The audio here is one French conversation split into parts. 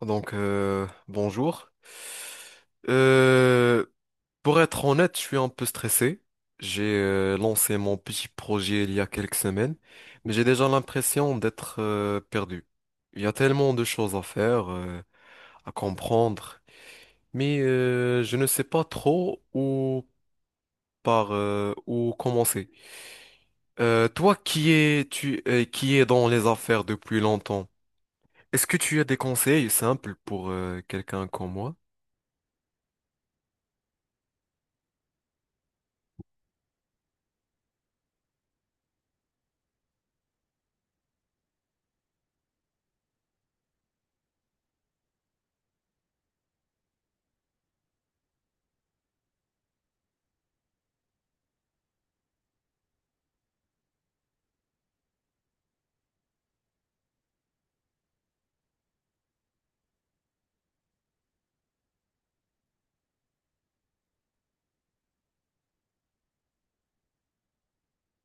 Bonjour. Euh, pour être honnête, je suis un peu stressé. J'ai lancé mon petit projet il y a quelques semaines, mais j'ai déjà l'impression d'être perdu. Il y a tellement de choses à faire, à comprendre, mais je ne sais pas trop où commencer. Toi qui es tu qui es dans les affaires depuis longtemps, est-ce que tu as des conseils simples pour quelqu'un comme moi?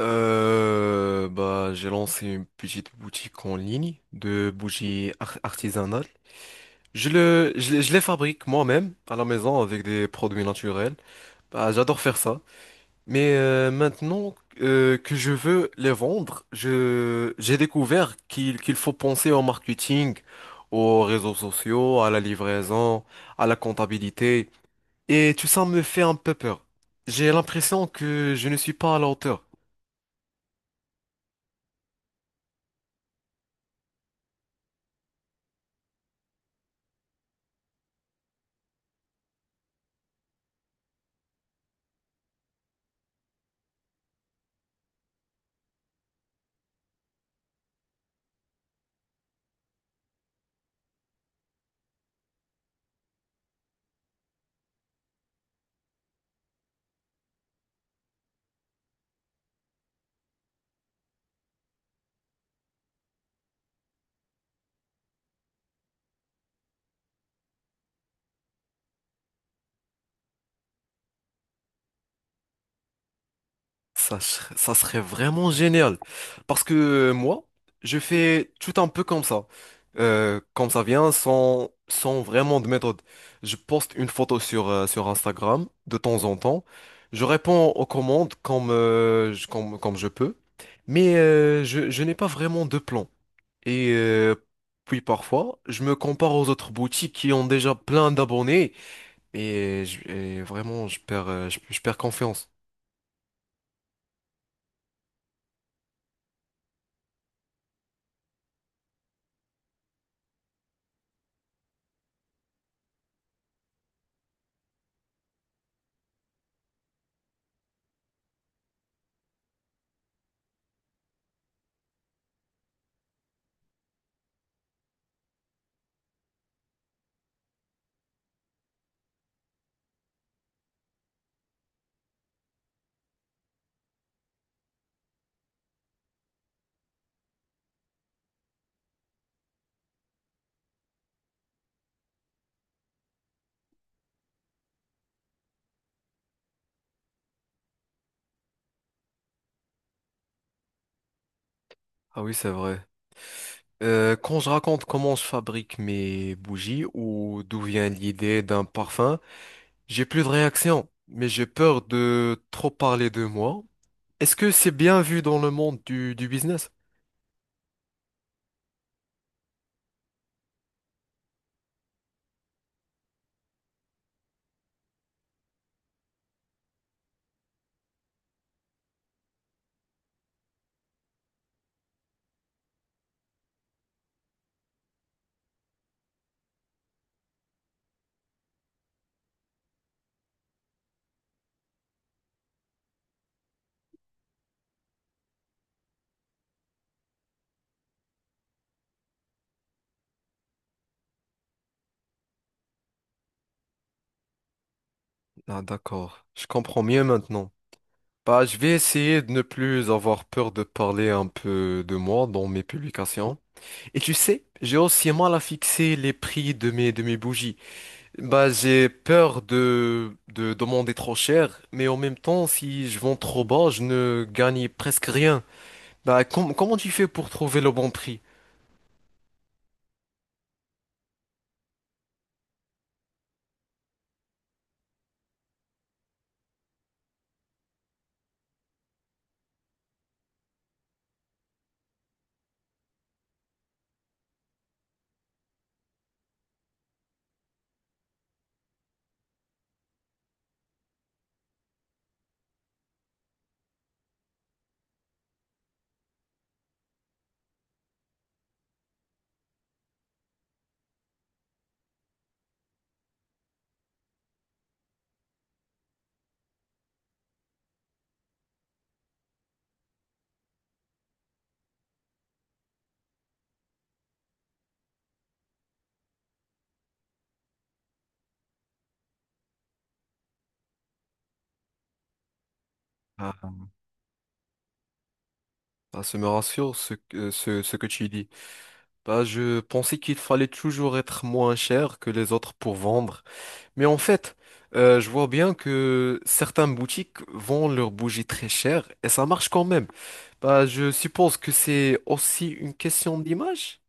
Bah, j'ai lancé une petite boutique en ligne de bougies artisanales. Je les fabrique moi-même à la maison avec des produits naturels. Bah, j'adore faire ça. Mais maintenant que je veux les vendre, j'ai découvert qu'il faut penser au marketing, aux réseaux sociaux, à la livraison, à la comptabilité. Et tout ça me fait un peu peur. J'ai l'impression que je ne suis pas à la hauteur. Ça serait vraiment génial. Parce que moi, je fais tout un peu comme ça. Comme ça vient, sans vraiment de méthode. Je poste une photo sur Instagram de temps en temps. Je réponds aux commandes comme je peux. Mais euh, je n'ai pas vraiment de plan. Et puis parfois, je me compare aux autres boutiques qui ont déjà plein d'abonnés. Et vraiment, je je perds confiance. Ah oui, c'est vrai. Quand je raconte comment je fabrique mes bougies ou d'où vient l'idée d'un parfum, j'ai plus de réaction, mais j'ai peur de trop parler de moi. Est-ce que c'est bien vu dans le monde du business? Ah, d'accord, je comprends mieux maintenant. Bah, je vais essayer de ne plus avoir peur de parler un peu de moi dans mes publications. Et tu sais, j'ai aussi mal à fixer les prix de mes bougies. Bah, j'ai peur de demander trop cher, mais en même temps, si je vends trop bas, je ne gagne presque rien. Bah, comment tu fais pour trouver le bon prix? Ah, bah, ça me rassure ce que tu dis. Bah, je pensais qu'il fallait toujours être moins cher que les autres pour vendre. Mais en fait, je vois bien que certaines boutiques vendent leurs bougies très chères et ça marche quand même. Bah, je suppose que c'est aussi une question d'image.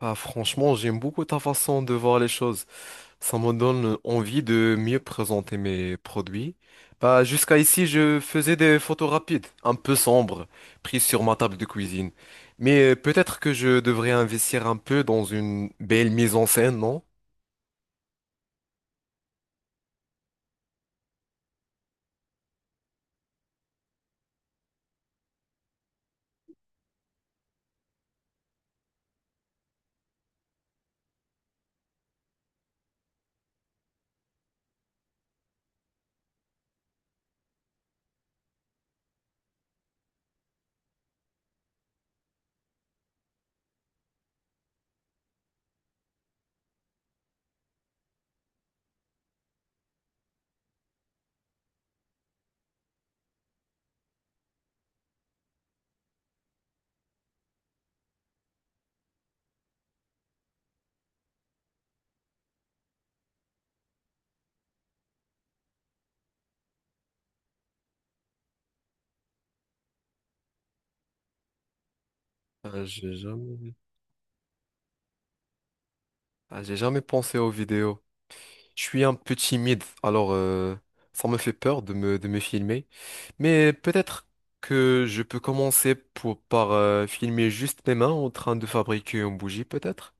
Ah, franchement, j'aime beaucoup ta façon de voir les choses. Ça me donne envie de mieux présenter mes produits. Bah, jusqu'à ici, je faisais des photos rapides, un peu sombres, prises sur ma table de cuisine. Mais peut-être que je devrais investir un peu dans une belle mise en scène, non? Ah, j'ai jamais... ah, j'ai jamais pensé aux vidéos. Je suis un peu timide, alors ça me fait peur de me filmer. Mais peut-être que je peux commencer par filmer juste mes mains en train de fabriquer une bougie, peut-être?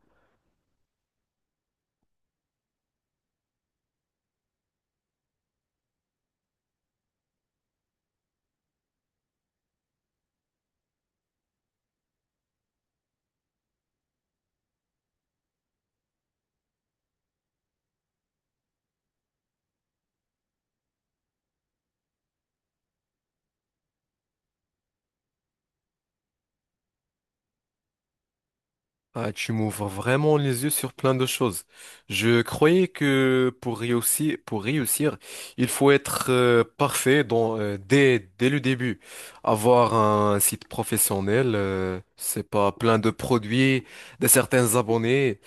Ah, tu m'ouvres vraiment les yeux sur plein de choses. Je croyais que pour réussir, il faut être parfait dès le début. Avoir un site professionnel, c'est pas plein de produits, de certains abonnés.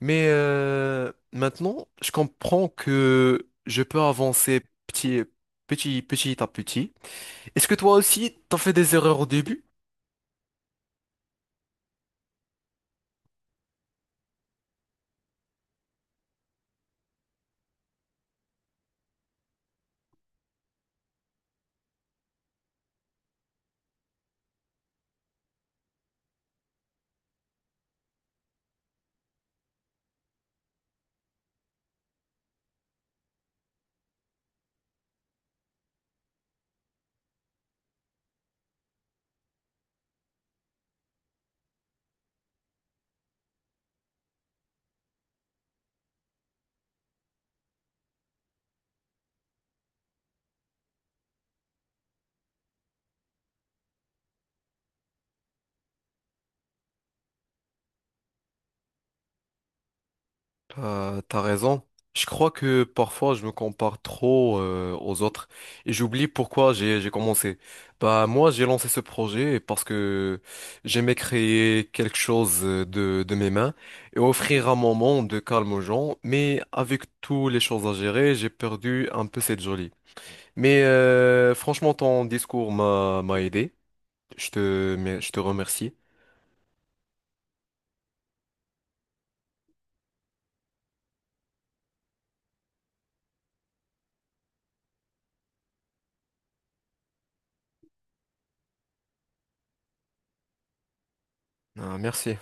Mais maintenant, je comprends que je peux avancer petit, petit à petit. Est-ce que toi aussi, t'as fait des erreurs au début? T'as raison. Je crois que parfois, je me compare trop aux autres et j'oublie pourquoi j'ai commencé. Bah moi, j'ai lancé ce projet parce que j'aimais créer quelque chose de mes mains et offrir un moment de calme aux gens. Mais avec toutes les choses à gérer, j'ai perdu un peu cette jolie. Mais franchement, ton discours m'a aidé. Mais je te remercie. Ah, merci.